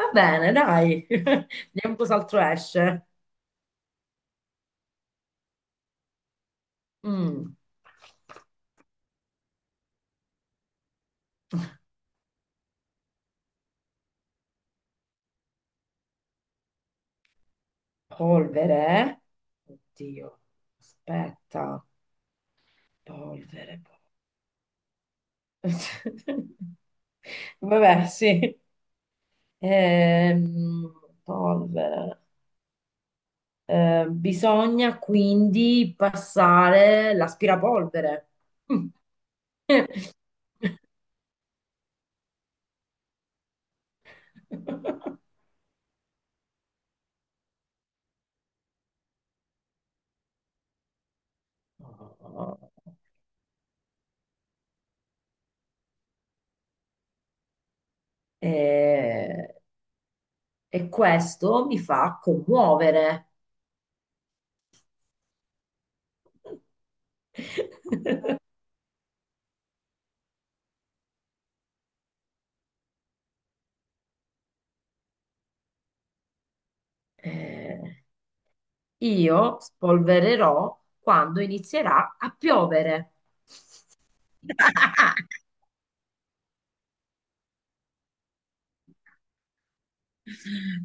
Va bene, dai. Vediamo cos'altro esce. Mm. Polvere. Oddio. Aspetta. Polvere. Polvere. Vabbè, sì. Ehm, polvere. Bisogna quindi passare l'aspirapolvere. Mm. Eh, E questo mi fa commuovere. Eh, io spolvererò quando inizierà a piovere.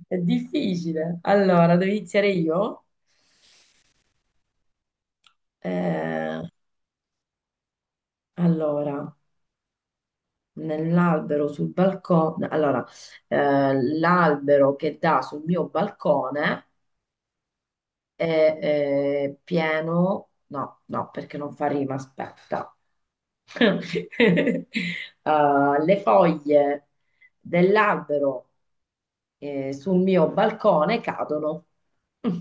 È difficile. Allora, devo iniziare io? Eh, allora, nell'albero sul balcone. Allora, l'albero che dà sul mio balcone è, pieno. No, no, perché non fa rima, aspetta. Le foglie dell'albero sul mio balcone cadono. Mm,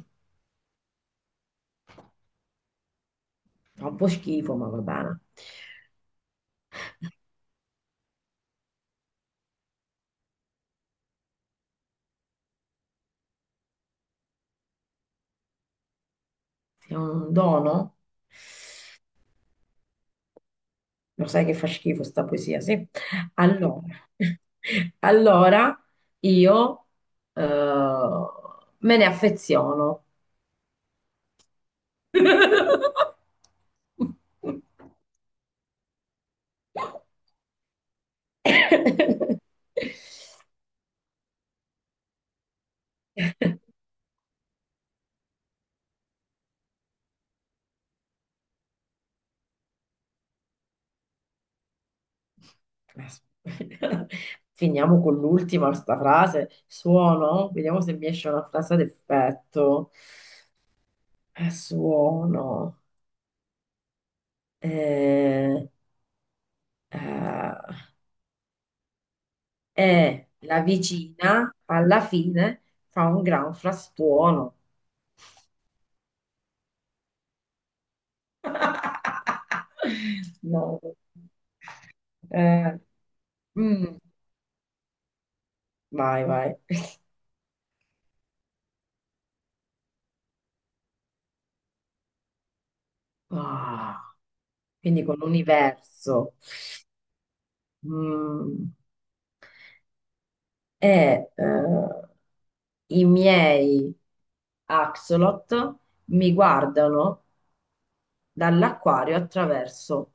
fa un po' schifo, ma va bene. Se è un dono, lo sai che fa schifo sta poesia, sì? Allora, allora io, eh, me ne affeziono. Aspetta. Finiamo con l'ultima, sta frase. Suono, vediamo se mi esce una frase d'effetto. A suono, eh, eh, e la vicina alla fine fa un gran frastuono. No. Eh, mm, vai, vai. Ah, quindi con l'universo. Mm, e i miei axolot mi guardano dall'acquario attraverso.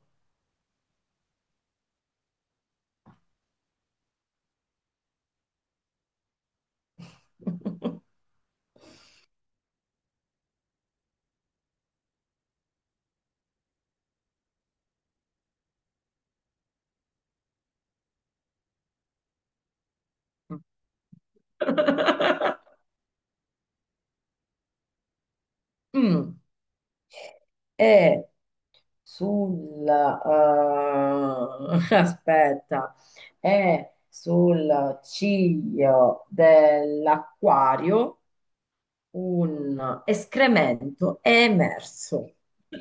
Mm. E sulla, aspetta, è sul ciglio dell'acquario un escremento è emerso.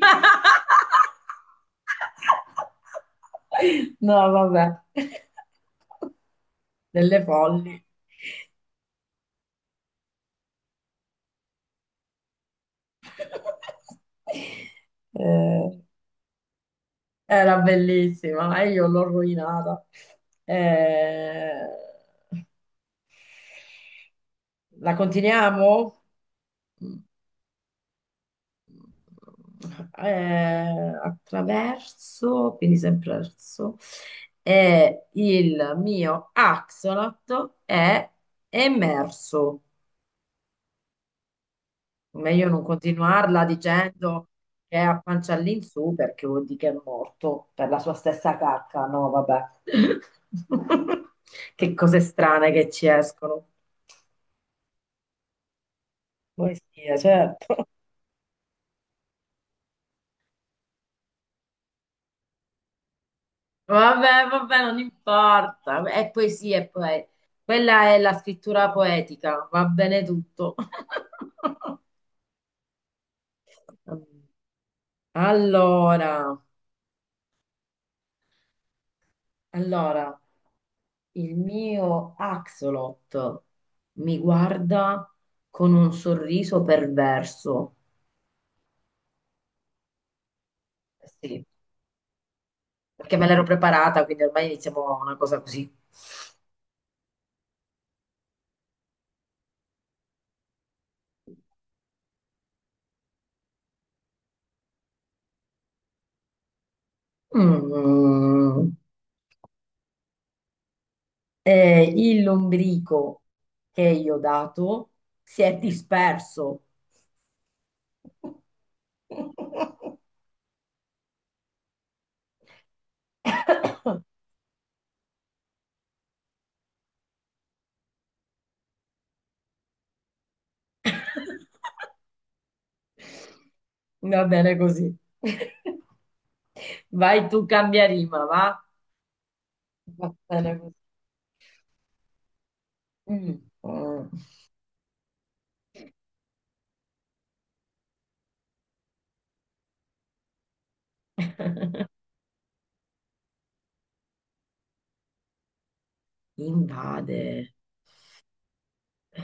No, vabbè, delle folli. Eh. Era bellissima e io l'ho rovinata. Eh, La continuiamo? Attraverso, quindi sempre verso, e il mio axolotl è emerso. Meglio non continuarla dicendo che è a pancia all'insù perché vuol dire che è morto per la sua stessa cacca. No, vabbè. Che cose strane che ci escono. Poesia, certo. Vabbè, vabbè, non importa. È poesia, è poe- Quella è la scrittura poetica, va bene tutto. Allora, allora. Il mio Axolot mi guarda con un sorriso perverso. Sì, perché me l'ero preparata, quindi ormai iniziamo a una cosa così. Mm. Il lombrico che io ho dato si è disperso. Va bene così. Vai tu, cambia rima, va? Va bene così. Mm. Mm. Invade. Eh,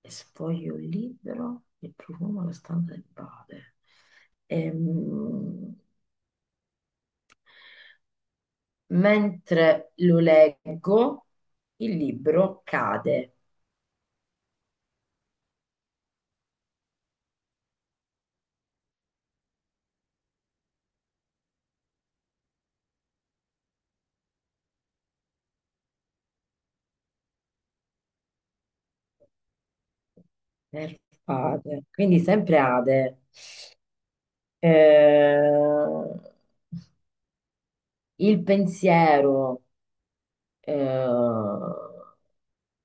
e sfoglio il libro e profumo la stanza del padre. Ehm, Mentre lo leggo, il libro cade per padre, quindi sempre Ade. Eh, il pensiero, eh,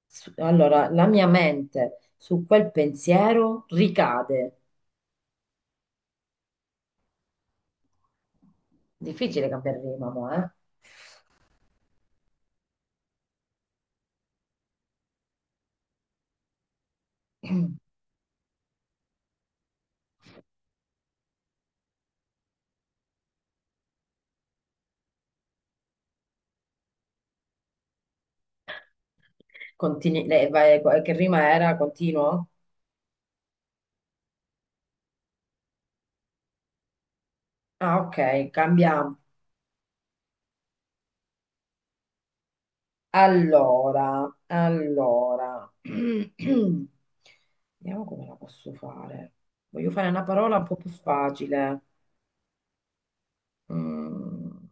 su- allora la mia mente su quel pensiero ricade. Difficile cambiare rima, mo, eh? Continui- lei vai- che rima era? Continuo? Ah, ok, cambiamo. Allora, allora. Vediamo come la posso fare. Voglio fare una parola un po' più facile. Mm,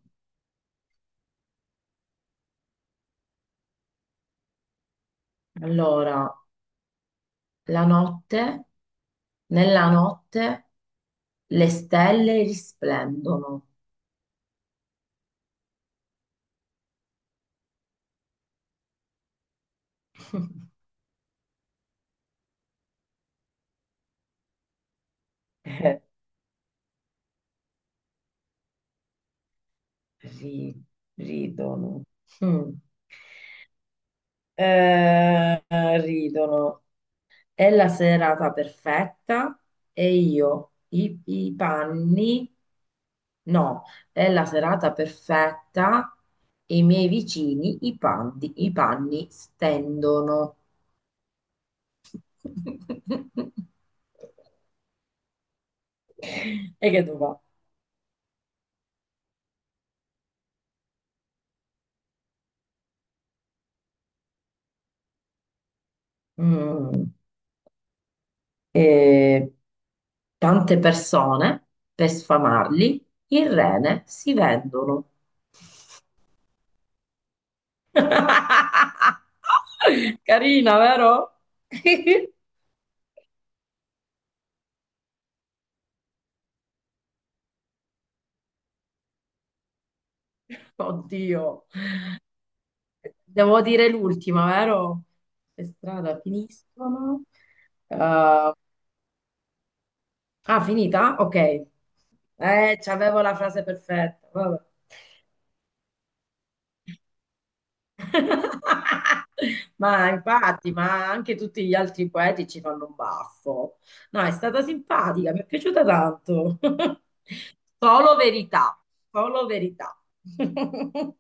allora, la notte, nella notte le stelle risplendono. Eh, ri- ridono. Mm. Eh, ridono. È la serata perfetta e io i panni. No, è la serata perfetta e i miei vicini i panni stendono. E che tu fa? Mm, eh, tante persone per sfamarli, il rene si vendono. Carina, vero? Oddio. Devo dire l'ultima, vero? Le strade finiscono. Ah, finita? Ok. C'avevo la frase perfetta. Vabbè. Ma infatti, ma anche tutti gli altri poeti ci fanno un baffo. No, è stata simpatica, mi è piaciuta tanto. Solo verità, solo verità.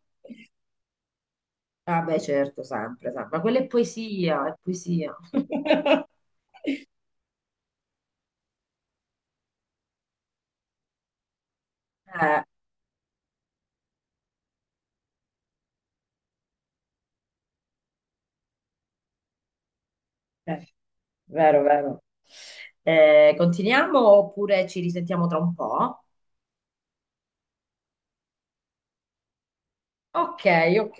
Vabbè, certo, sempre, sempre. Ma quella è poesia, è poesia. Eh, eh, Vero, vero. Continuiamo oppure ci risentiamo tra un po'? Ok, ok.